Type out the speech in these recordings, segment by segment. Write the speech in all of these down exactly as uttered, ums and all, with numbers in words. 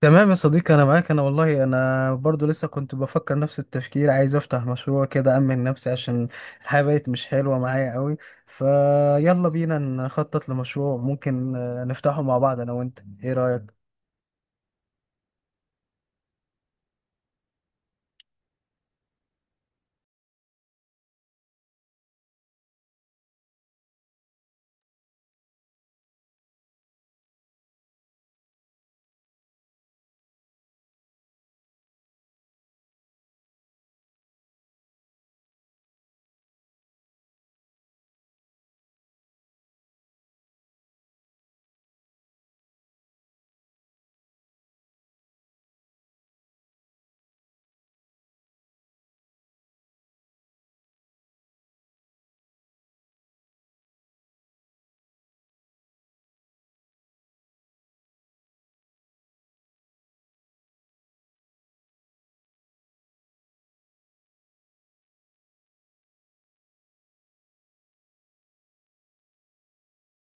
تمام يا صديقي، انا معاك. انا والله انا برضو لسه كنت بفكر نفس التفكير، عايز افتح مشروع كده امن نفسي، عشان الحياة بقت مش حلوة معايا قوي. فيلا بينا نخطط لمشروع ممكن آه، نفتحه مع بعض، انا وانت. ايه رأيك؟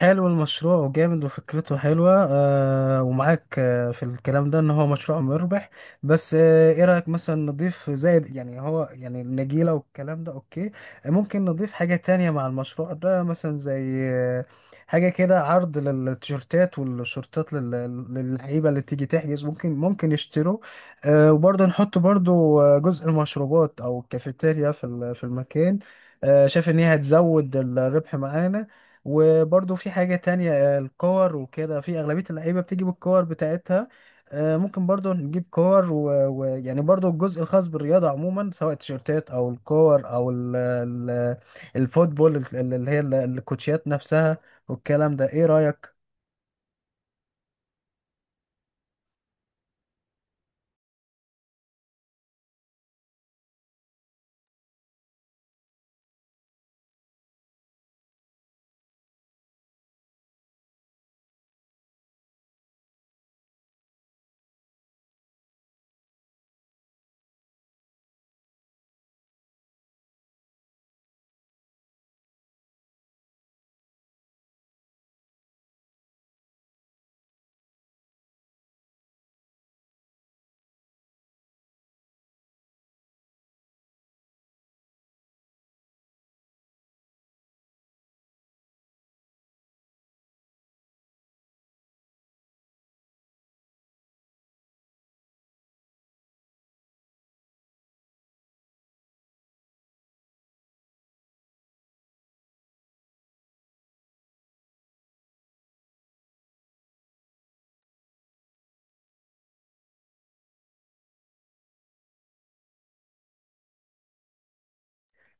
حلو المشروع وجامد وفكرته حلوة، آه ومعاك آه في الكلام ده ان هو مشروع مربح. بس آه ايه رأيك مثلا نضيف زائد، يعني هو يعني النجيلة والكلام ده اوكي. آه، ممكن نضيف حاجة تانية مع المشروع ده، مثلا زي آه حاجة كده، عرض للتيشيرتات والشورتات لل- للعيبة اللي تيجي تحجز، ممكن ممكن يشتروا. آه وبرضه نحط برضه، آه، جزء المشروبات او الكافيتيريا في ال- في المكان. آه شايف ان هي هتزود الربح معانا. وبرضه في حاجة تانية، آه، الكور وكده، في أغلبية اللعيبة بتيجي بالكور بتاعتها. آه، ممكن برضه نجيب كور، ويعني و... و- يعني برضه الجزء الخاص بالرياضة عموما، سواء التيشيرتات أو الكور أو ال... ال... الفوتبول، ال- اللي هي ال- الكوتشيات نفسها والكلام ده. إيه رأيك؟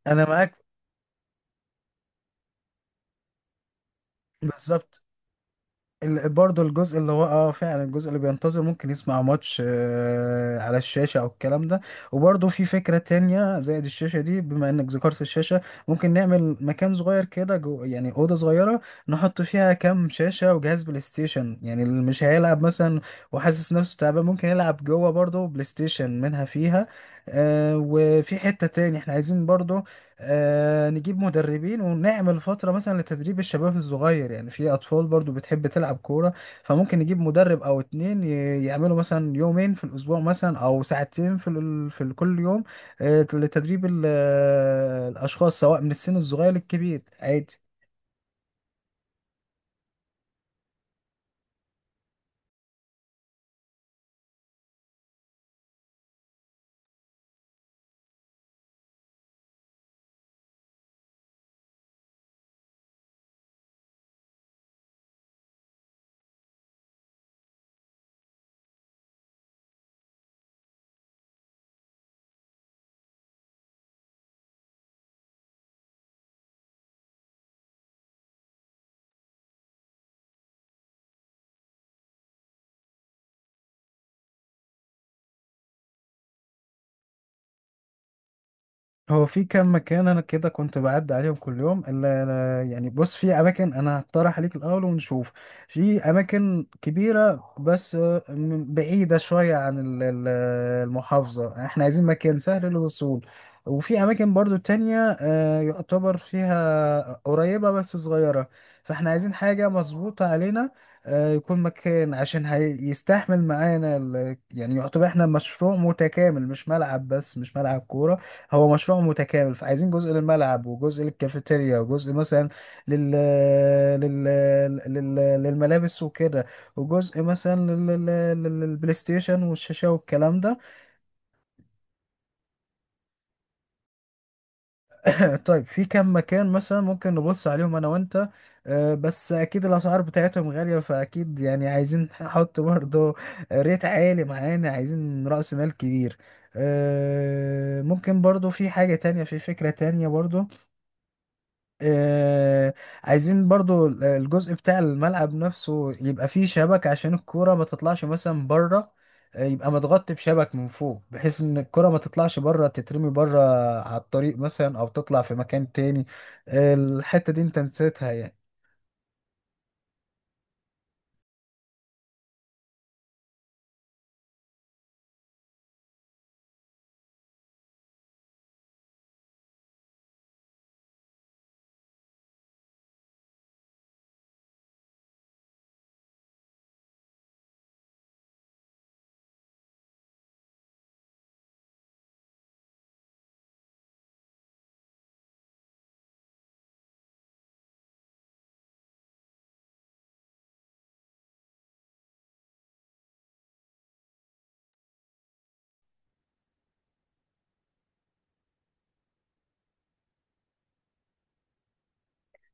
أنا معاك. بالظبط. ال- برضه الجزء اللي هو اه فعلا، الجزء اللي بينتظر ممكن يسمع ماتش آه على الشاشة او الكلام ده. وبرضه في فكرة تانية زائد الشاشة دي، بما انك ذكرت الشاشة، ممكن نعمل مكان صغير كده جو، يعني أوضة صغيرة. نحط فيها كام شاشة وجهاز بلاي ستيشن، يعني اللي مش هيلعب مثلا وحاسس نفسه تعبان ممكن يلعب جوه برضه بلاي ستيشن، منها فيها. آه وفي حتة تاني احنا عايزين برضه آه نجيب مدربين ونعمل فترة مثلا لتدريب الشباب الصغير، يعني في أطفال برضو بتحب تلعب كورة. فممكن نجيب مدرب أو اتنين ي- يعملوا مثلا يومين في الأسبوع، مثلا أو ساعتين في ال... في ال- كل يوم. آه لتدريب ال... آه، الأشخاص، سواء من السن الصغير للكبير، عادي. هو في كام مكان، انا كده كنت بعدي عليهم كل يوم الا لا- يعني بص، في اماكن انا هقترح عليك الاول ونشوف. في اماكن كبيره، بس آه، م- بعيده شويه عن ال- ال- المحافظه. احنا عايزين مكان سهل للوصول. وفي اماكن برضو تانية، آه، يعتبر فيها قريبه بس صغيره. فاحنا عايزين حاجه مظبوطه علينا. آه، يكون مكان عشان هيستحمل معانا ال- يعني، يعتبر احنا مشروع متكامل، مش ملعب بس، مش ملعب كوره. هو مشروع متكامل. فعايزين جزء للملعب وجزء للكافيتيريا وجزء مثلا لل... لل... لل... للملابس وكده، وجزء مثلا لل... لل... للبلاي ستيشن والشاشة والكلام ده. طيب، في كم مكان مثلا ممكن نبص عليهم انا وانت؟ آه، بس اكيد الاسعار بتاعتهم غالية، فاكيد يعني عايزين نحط برضه ريت عالي معانا، عايزين رأس مال كبير. آه، ممكن برضه في حاجة تانية في فكرة تانية برضه. آه، عايزين برضو الجزء بتاع الملعب نفسه يبقى فيه شبك، عشان الكورة ما تطلعش مثلا بره. آه، يبقى متغطي بشبك من فوق، بحيث ان الكرة ما تطلعش بره تترمي بره على الطريق مثلا، او تطلع في مكان تاني. آه، الحتة دي انت نسيتها يعني.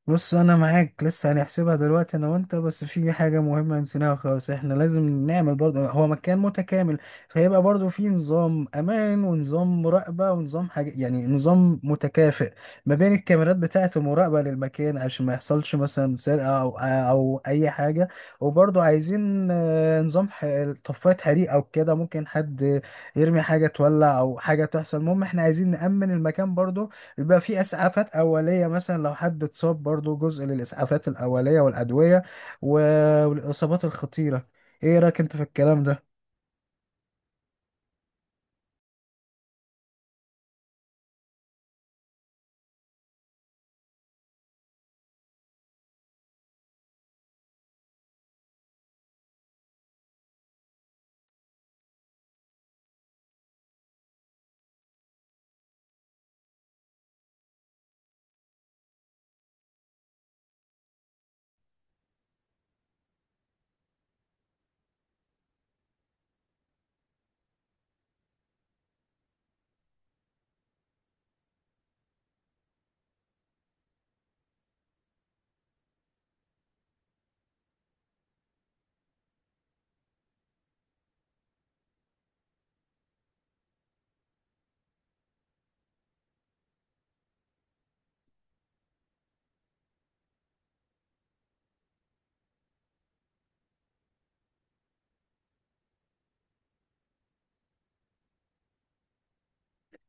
بص، انا معاك. لسه هنحسبها دلوقتي انا وانت. بس في حاجه مهمه نسيناها خالص، احنا لازم نعمل برضه، هو مكان متكامل. فيبقى برضه في نظام امان ونظام مراقبه ونظام حاجه، يعني نظام متكافئ ما بين الكاميرات بتاعه المراقبه للمكان، عشان ما يحصلش مثلا سرقه او او اي حاجه. وبرضه عايزين آه، نظام ح- طفايه حريق او كده، ممكن حد يرمي حاجه تولع او حاجه تحصل. المهم احنا عايزين نامن المكان برضه. بيبقى في اسعافات اوليه، مثلا لو حد اتصاب برضو جزء للاسعافات الاوليه والادويه و- والاصابات الخطيره. ايه رايك انت في الكلام ده؟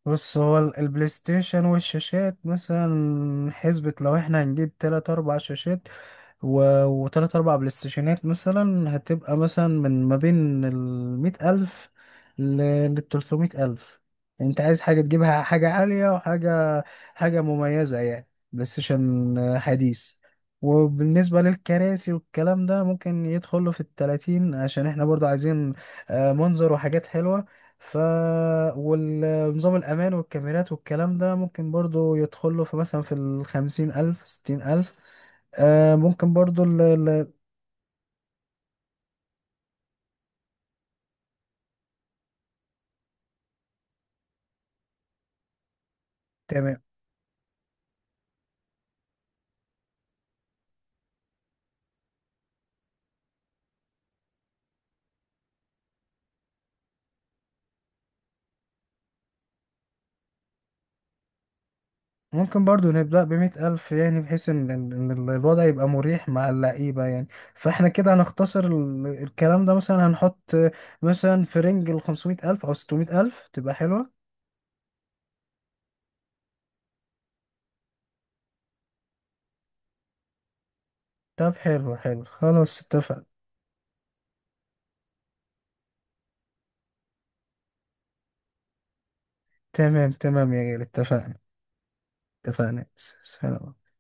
بص، هو ال- البلاي ستيشن والشاشات، مثلا حسبة لو احنا هنجيب تلات اربع شاشات و... وتلات أربع بلاي ستيشنات، مثلا هتبقى مثلا من ما بين المية ألف للتلتمية ألف. أنت عايز حاجة تجيبها، حاجة عالية وحاجة حاجة مميزة، يعني بلاي ستيشن حديث. وبالنسبة للكراسي والكلام ده، ممكن يدخله في التلاتين، عشان احنا برضو عايزين آه، منظر وحاجات حلوة. ف والنظام الأمان والكاميرات والكلام ده، ممكن برضو يدخله في مثلا في الخمسين ألف ستين ألف. آه ممكن برضو ال ال تمام. ممكن برضو نبدأ بمئة ألف، يعني بحيث إن إن- إن ال- الوضع يبقى مريح مع اللعيبة يعني. فإحنا كده هنختصر ال- الكلام ده، مثلا هنحط آه، مثلا في رينج الخمسمائة ألف أو ستمائة ألف تبقى حلوة. طب، حلو حلو، خلاص اتفق. تمام تمام يا جيل، اتفقنا. اتفقنا. س- سلام.